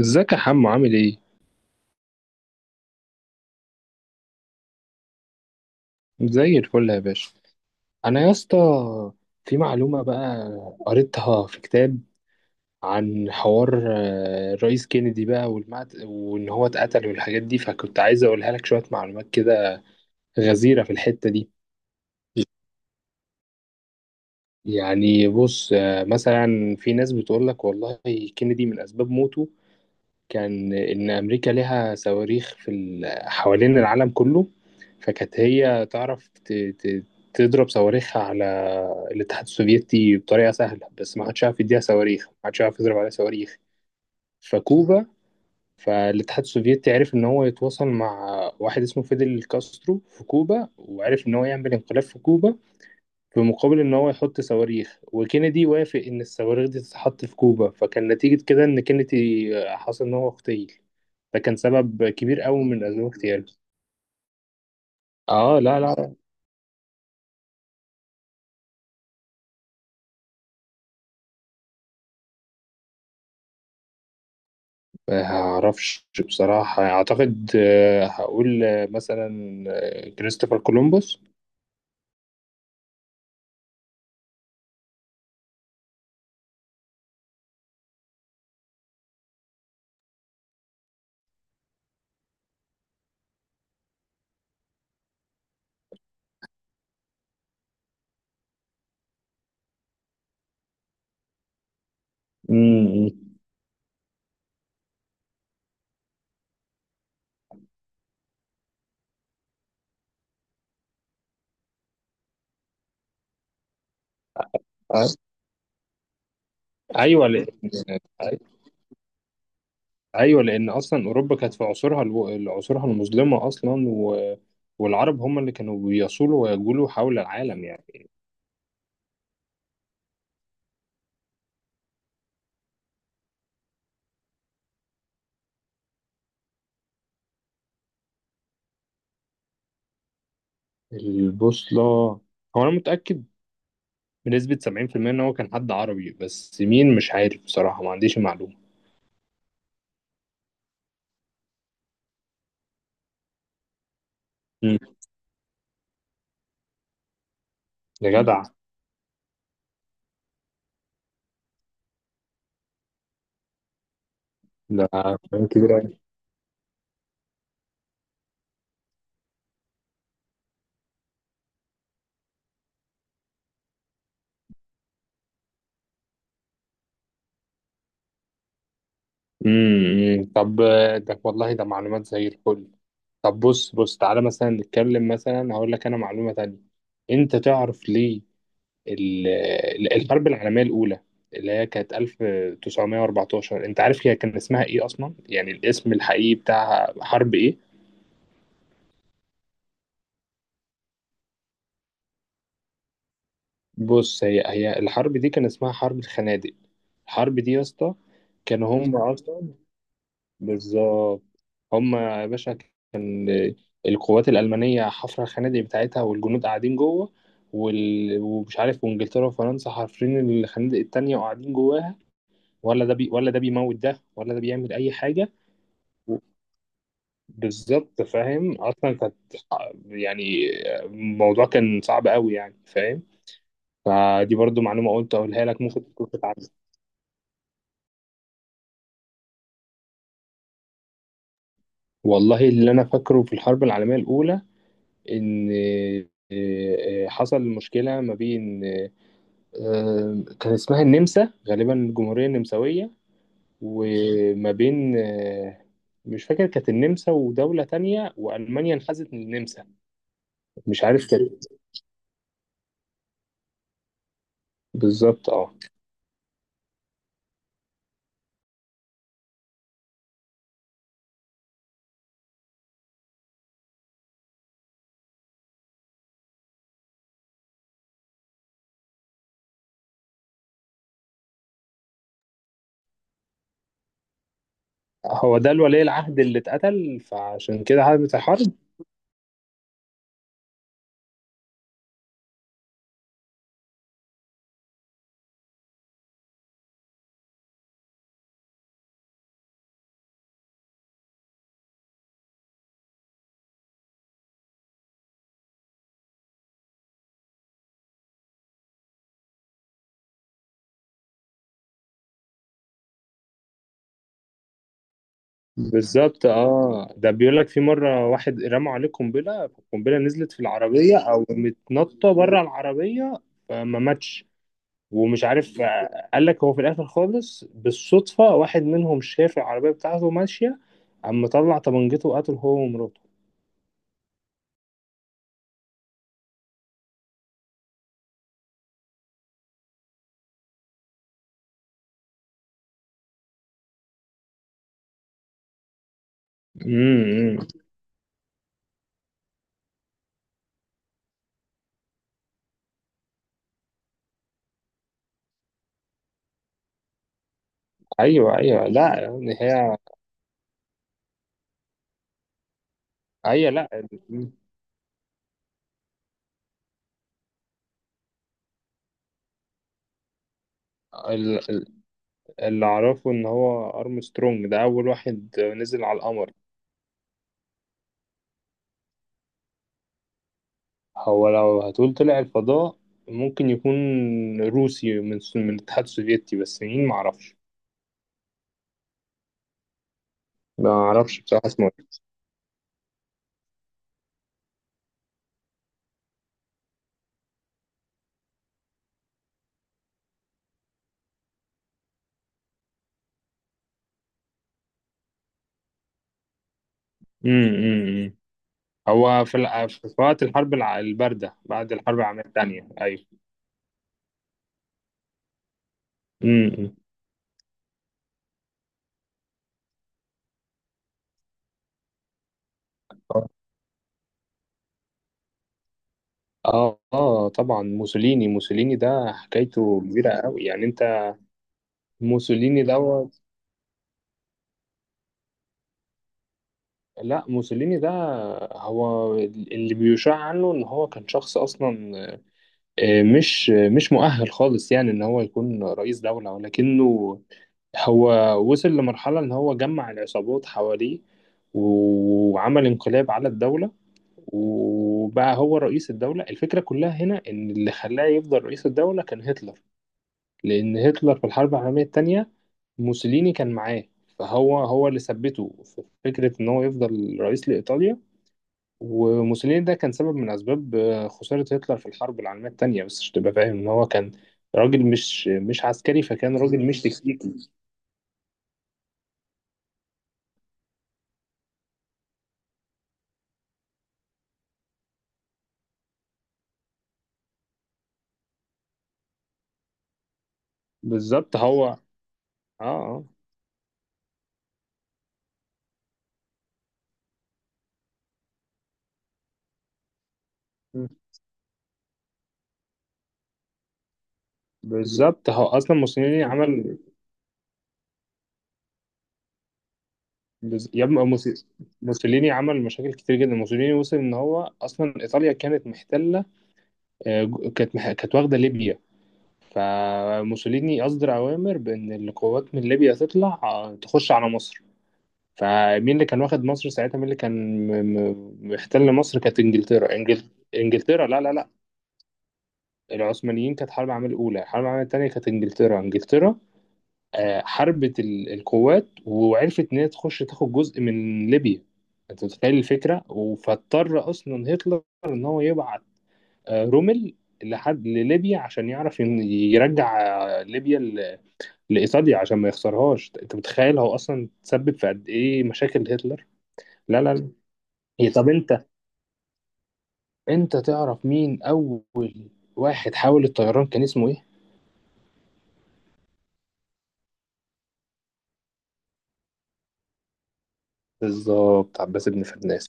ازيك يا حمو؟ عامل ايه؟ زي الفل يا باشا. انا يا اسطى في معلومة بقى، قريتها في كتاب عن حوار الرئيس كينيدي بقى، وان هو اتقتل والحاجات دي، فكنت عايز اقولها لك. شوية معلومات كده غزيرة في الحتة دي. يعني بص، مثلا في ناس بتقول لك والله، كينيدي من اسباب موته كان إن أمريكا لها صواريخ في حوالين العالم كله، فكانت هي تعرف تضرب صواريخها على الاتحاد السوفيتي بطريقة سهلة، بس ما حدش عارف يديها صواريخ، ما حدش عارف يضرب عليها صواريخ. فكوبا، فالاتحاد السوفيتي عرف إن هو يتواصل مع واحد اسمه فيدل كاسترو في كوبا، وعرف إن هو يعمل انقلاب في كوبا في مقابل إن هو يحط صواريخ. وكينيدي وافق إن الصواريخ دي تتحط في كوبا، فكان نتيجة كده إن كينيدي حصل إن هو اغتيل. ده كان سبب كبير أوي من أسباب اغتياله. اه، لا لا. ما اعرفش بصراحة، اعتقد، هقول مثلا، كريستوفر كولومبوس. امم. آه، ايوه لان، ايوه لان اصلا اوروبا كانت في عصورها عصورها المظلمة اصلا، و... والعرب هم اللي كانوا بيصولوا ويجولوا حول العالم يعني. البوصلة، هو أنا متأكد بنسبة سبعين في المية إن هو كان حد عربي، بس مين مش عارف بصراحة، ما عنديش المعلومة. مم. يا جدع، ده كلام كبير أوي. مم، مم. طب ده والله ده معلومات زي الفل. طب بص، تعالى مثلا نتكلم، مثلا هقول لك أنا معلومة تانية. أنت تعرف ليه الحرب العالمية الأولى اللي هي كانت 1914؟ أنت عارف هي كان اسمها إيه أصلا؟ يعني الاسم الحقيقي بتاعها حرب إيه؟ بص، هي الحرب دي كان اسمها حرب الخنادق. الحرب دي يا اسطى كانوا هم الخنادق اصلا. بالظبط، هم يا باشا كان القوات الالمانيه حفره الخنادق بتاعتها والجنود قاعدين جوه، ومش عارف، وانجلترا وفرنسا حافرين الخنادق التانية وقاعدين جواها، ولا ولا ده بيموت ده، ولا ده بيعمل اي حاجه. و- بالظبط، فاهم اصلا كانت يعني الموضوع كان صعب قوي يعني، فاهم. فدي برضو معلومه قلت اقولها لك، ممكن تكون. والله اللي انا فاكره في الحرب العالميه الاولى ان، حصل مشكله ما بين، كان اسمها النمسا غالبا، الجمهوريه النمساويه. وما بين مش فاكر، كانت النمسا ودوله تانية، والمانيا انحازت للنمسا. مش عارف كانت، بالظبط اه. هو ده الولي العهد اللي اتقتل فعشان كده الحرب. بالظبط اه، ده بيقول لك في مره واحد رمى عليه قنبله، القنبله نزلت في العربيه او متنطه بره العربيه فما ماتش. ومش عارف، قال لك هو في الاخر خالص بالصدفه واحد منهم شاف العربيه بتاعته ماشيه، قام مطلع طبنجته وقتل هو ومراته. امم. ايوه، ايوه، لا يعني هي. ايوه، لا، ال- ال- اللي اعرفه ان هو ارمسترونج ده اول واحد نزل على القمر. هو لو هتقول طلع الفضاء، ممكن يكون روسي من الاتحاد السوفيتي، بس مين معرفش. ما اعرفش بصراحة اسمه ايه. امم. أمم. هو في في وقت الباردة بعد الحرب العالمية التانية، ايوه. امم. اه اه طبعا موسوليني ده حكايته كبيرة قوي يعني، انت. موسوليني دوت. لا، موسوليني ده هو اللي بيشاع عنه ان هو كان شخص اصلا مش مؤهل خالص يعني ان هو يكون رئيس دولة، ولكنه هو وصل لمرحلة ان هو جمع العصابات حواليه وعمل انقلاب على الدولة، وبقى هو رئيس الدولة. الفكرة كلها هنا ان اللي خلاه يفضل رئيس الدولة كان هتلر، لان هتلر في الحرب العالمية التانية موسوليني كان معاه، هو اللي ثبته في فكرة ان هو يفضل رئيس لإيطاليا. وموسوليني ده كان سبب من أسباب خسارة هتلر في الحرب العالمية التانية. بس عشان تبقى فاهم إن هو كان راجل مش عسكري، فكان راجل مش تكتيكي. بالظبط هو اه. آه. مم. بالظبط، هو اصلا موسوليني عمل، بز... يا ابني موسي- موسوليني عمل مشاكل كتير جدا. موسوليني وصل ان هو اصلا ايطاليا كانت محتله، كانت واخده ليبيا. فموسوليني اصدر اوامر بان القوات من ليبيا تطلع، تخش على مصر. فمين اللي كان واخد مصر ساعتها؟ مين اللي كان محتل مصر؟ كانت انجلترا، انجلترا. لا لا لا، العثمانيين كانت حرب العالميه الاولى. الحرب العالميه الثانيه كانت انجلترا، انجلترا حربت القوات وعرفت ان هي تخش تاخد جزء من ليبيا. انت متخيل الفكره؟ فاضطر اصلا هتلر ان هو يبعت رومل لحد لليبيا عشان يعرف يرجع ليبيا لايطاليا عشان ما يخسرهاش. انت متخيل هو اصلا تسبب في قد ايه مشاكل هتلر؟ لا لا لا. إيه، طب انت، انت تعرف مين اول واحد حاول الطيران، كان اسمه ايه؟ بالظبط، عباس بن فرناس.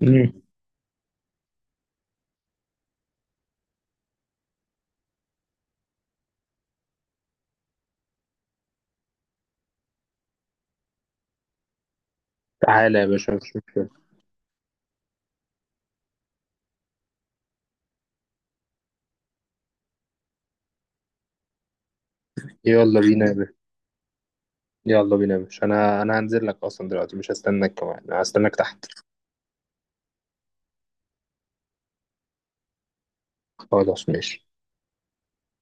مم. تعالى يا باشا، مش مشكلة. يلا بينا يا باشا يلا بينا يا باشا انا هنزل لك اصلا دلوقتي، مش هستناك كمان، انا هستناك تحت. خلاص ماشي.